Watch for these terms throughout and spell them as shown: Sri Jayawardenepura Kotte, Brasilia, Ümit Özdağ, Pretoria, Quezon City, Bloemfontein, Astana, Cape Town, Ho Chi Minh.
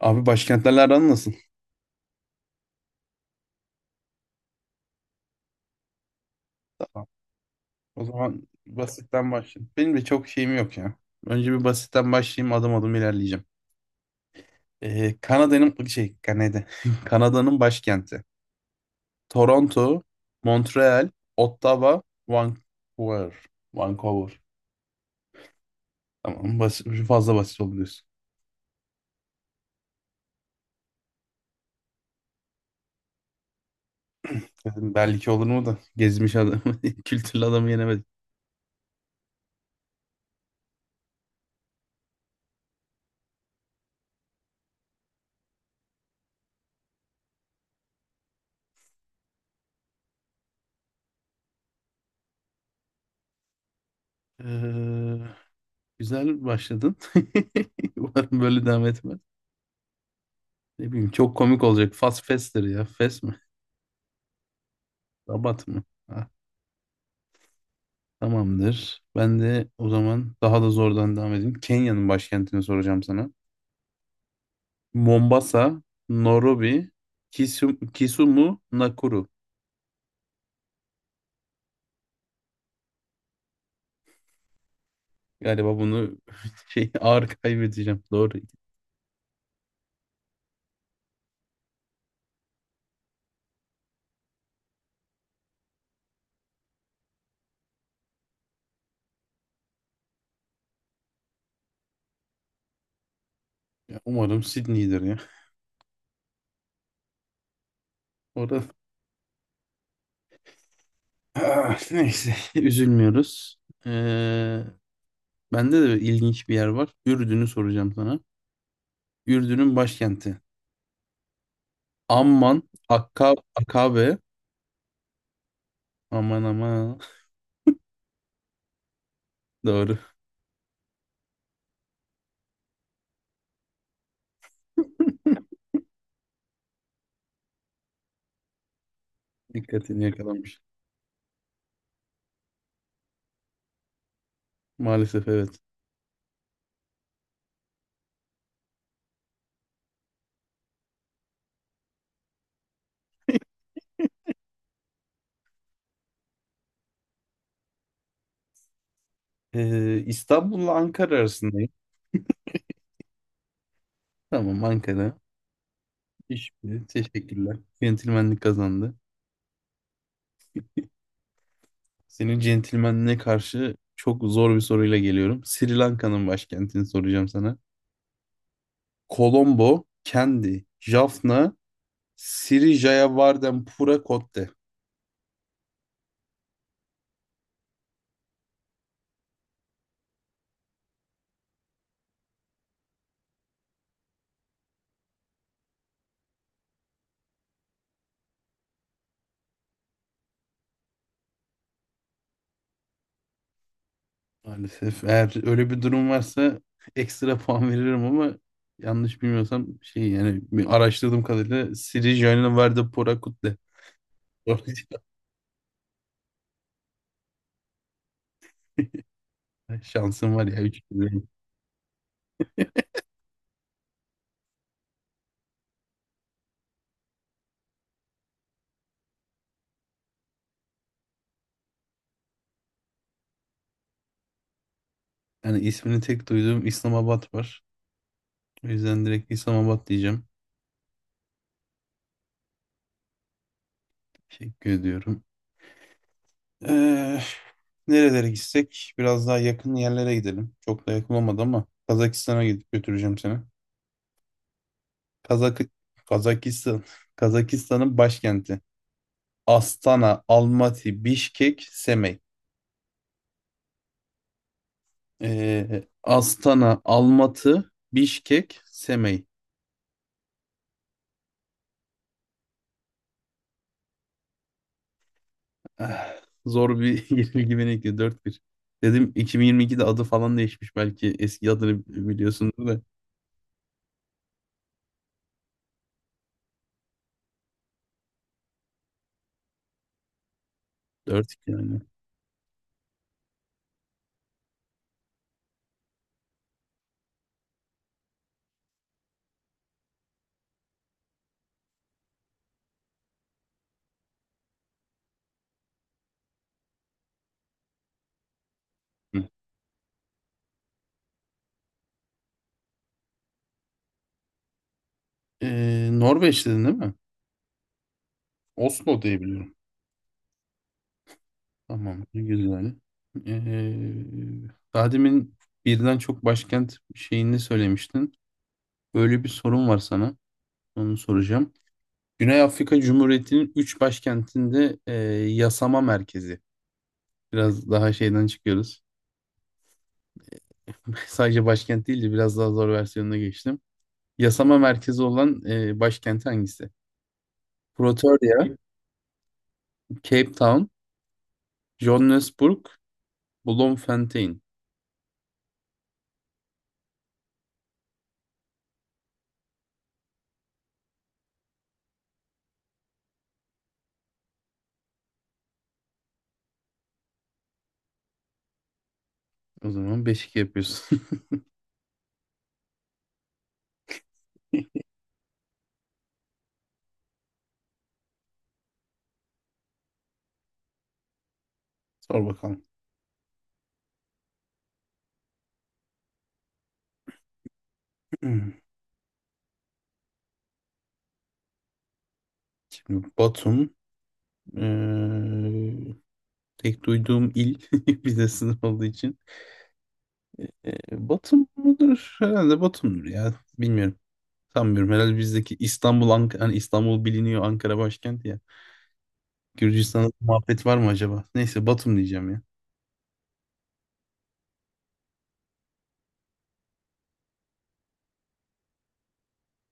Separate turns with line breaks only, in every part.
Abi başkentlerle aran nasıl? Tamam. O zaman basitten başlayayım. Benim de çok şeyim yok ya. Önce bir basitten başlayayım adım adım ilerleyeceğim. Kanada'nın şey Kanada. Kanada'nın başkenti. Toronto, Montreal, Ottawa, Vancouver. Vancouver. Tamam basit, fazla basit oldu diyorsun. Dedim, belki olur mu da gezmiş adam. Kültürlü adamı yenemedim. Ee, güzel başladın. Umarım böyle devam etmez. Ne bileyim çok komik olacak. Fast Fester ya. Fest Rabat mı? Ha, tamamdır. Ben de o zaman daha da zordan devam edeyim. Kenya'nın başkentini soracağım sana. Mombasa, Nairobi, Kisumu, Nakuru. Galiba bunu şey ağır kaybedeceğim. Doğru. Ya, umarım Sydney'dir ya. Orada Ah, neyse üzülmüyoruz. Ee, bende de ilginç bir yer var. Ürdün'ü soracağım sana. Ürdün'ün başkenti. Amman, Akka, Akabe. Aman aman. Doğru. Dikkatini yakalamış. Maalesef evet. İstanbul'la Ankara arasındayım. Tamam Ankara. Teşekkürler. Centilmenlik kazandı. Senin centilmenliğe karşı çok zor bir soruyla geliyorum. Sri Lanka'nın başkentini soracağım sana. Colombo, Kendi, Jaffna, Sri Jayawardenepura Kotte. Maalesef eğer öyle bir durum varsa ekstra puan veririm ama yanlış bilmiyorsam şey yani bir araştırdığım kadarıyla Sri Jayawardenepura Kotte. Doğru. Şansım var ya 3 milyon. Yani ismini tek duyduğum İslamabad var. O yüzden direkt İslamabad diyeceğim. Teşekkür ediyorum. Ee, nerelere gitsek? Biraz daha yakın yerlere gidelim. Çok da yakın olmadı ama Kazakistan'a gidip götüreceğim seni. Kazak Kazakistan Kazakistan'ın başkenti. Astana, Almaty, Bişkek, Semey. Astana, Almatı, Bişkek, Semey. Eh, zor bir yenilgi beni bekliyor. 4-1. Dedim 2022'de adı falan değişmiş belki. Eski adını biliyorsundur da. Dört iki yani. Hı. Norveç dedin değil mi? Oslo diye biliyorum. Tamam. Ne güzel. Daha demin birden çok başkent şeyini söylemiştin. Böyle bir sorum var sana. Onu soracağım. Güney Afrika Cumhuriyeti'nin 3 başkentinde yasama merkezi. Biraz daha şeyden çıkıyoruz. Sadece başkent değil de biraz daha zor versiyonuna geçtim. Yasama merkezi olan başkenti hangisi? Pretoria, Cape Town, Johannesburg, Bloemfontein. O zaman 5-2 yapıyorsun. Sor bakalım. Hmm. Şimdi Batum eee, tek duyduğum il bir de sınır olduğu için. Batum mudur? Herhalde Batum'dur ya. Bilmiyorum. Sanmıyorum. Herhalde bizdeki İstanbul, hani İstanbul biliniyor Ankara başkenti ya. Gürcistan'da muhabbet var mı acaba? Neyse Batum diyeceğim ya.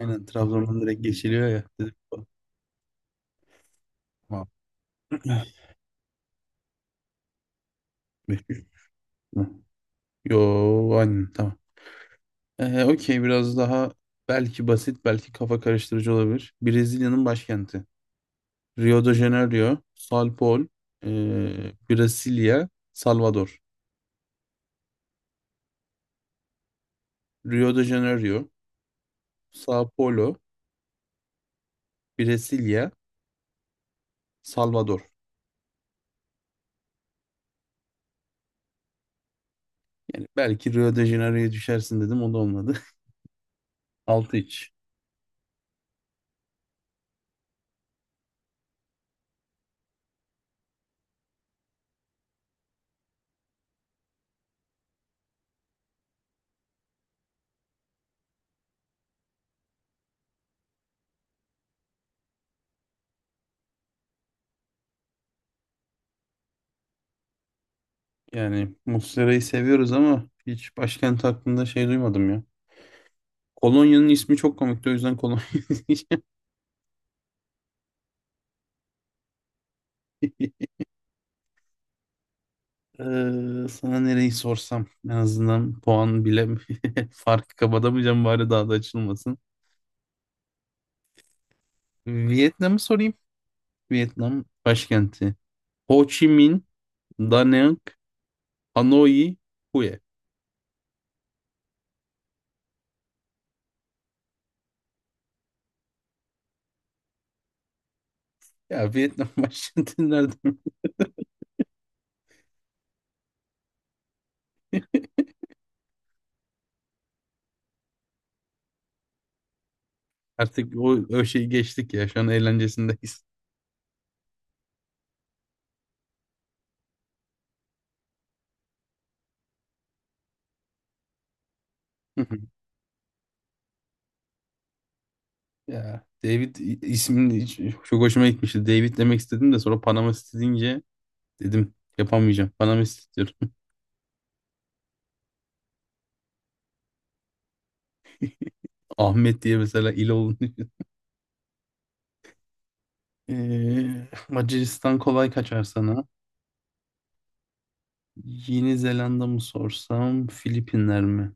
Aynen Trabzon'dan direkt geçiliyor ya. Dedim, Batum. 500 mü? Yo aynen tamam. Okey biraz daha belki basit belki kafa karıştırıcı olabilir. Brezilya'nın başkenti. Rio de Janeiro, São Paulo, Brasilia, Salvador. Rio de Janeiro, São Paulo, Brasilia, Salvador. Yani belki Rio de Janeiro'ya düşersin dedim o da olmadı. Altı iç. Yani Muslera'yı seviyoruz ama hiç başkent hakkında şey duymadım ya. Kolonya'nın ismi çok komikti o yüzden Kolonya diyeceğim. Ee, sana nereyi sorsam en azından puan bile farkı kapatamayacağım bari daha da açılmasın. Vietnam'ı sorayım. Vietnam başkenti. Ho Chi Minh, Da Nang, Hanoi, Hue. Ya Vietnam başkenti nerede? Artık o şeyi geçtik ya. Şu an eğlencesindeyiz. Ya David ismini çok hoşuma gitmişti. David demek istedim de sonra Panama City deyince dedim yapamayacağım. Panama City diyorum. Ahmet diye mesela il oldu. Macaristan kolay kaçar sana. Yeni Zelanda mı sorsam, Filipinler mi?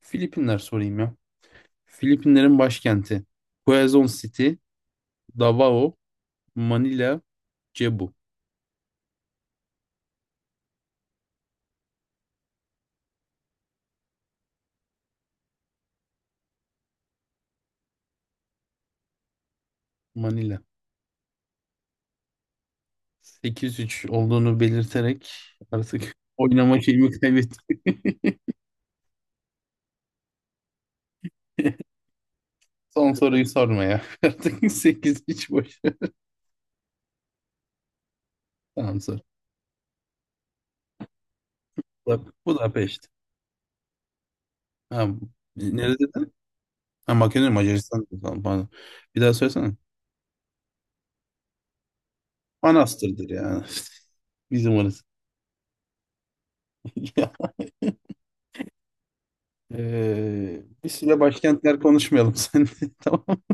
Filipinler sorayım ya. Filipinlerin başkenti. Quezon City, Davao, Manila, Cebu. Manila. Sekiz üç olduğunu belirterek artık oynama şeyimi kaybettim. Son soruyu sorma ya. Artık sekiz üç boş ver. Tamam sor. Bak, Budapest. Ha, nerede dedin? Ha, Makedonya, Macaristan. Tamam, pardon. Bir daha söylesene. Manastır'dır yani. Bizim orası. Bir süre başkentler konuşmayalım sen. Tamam.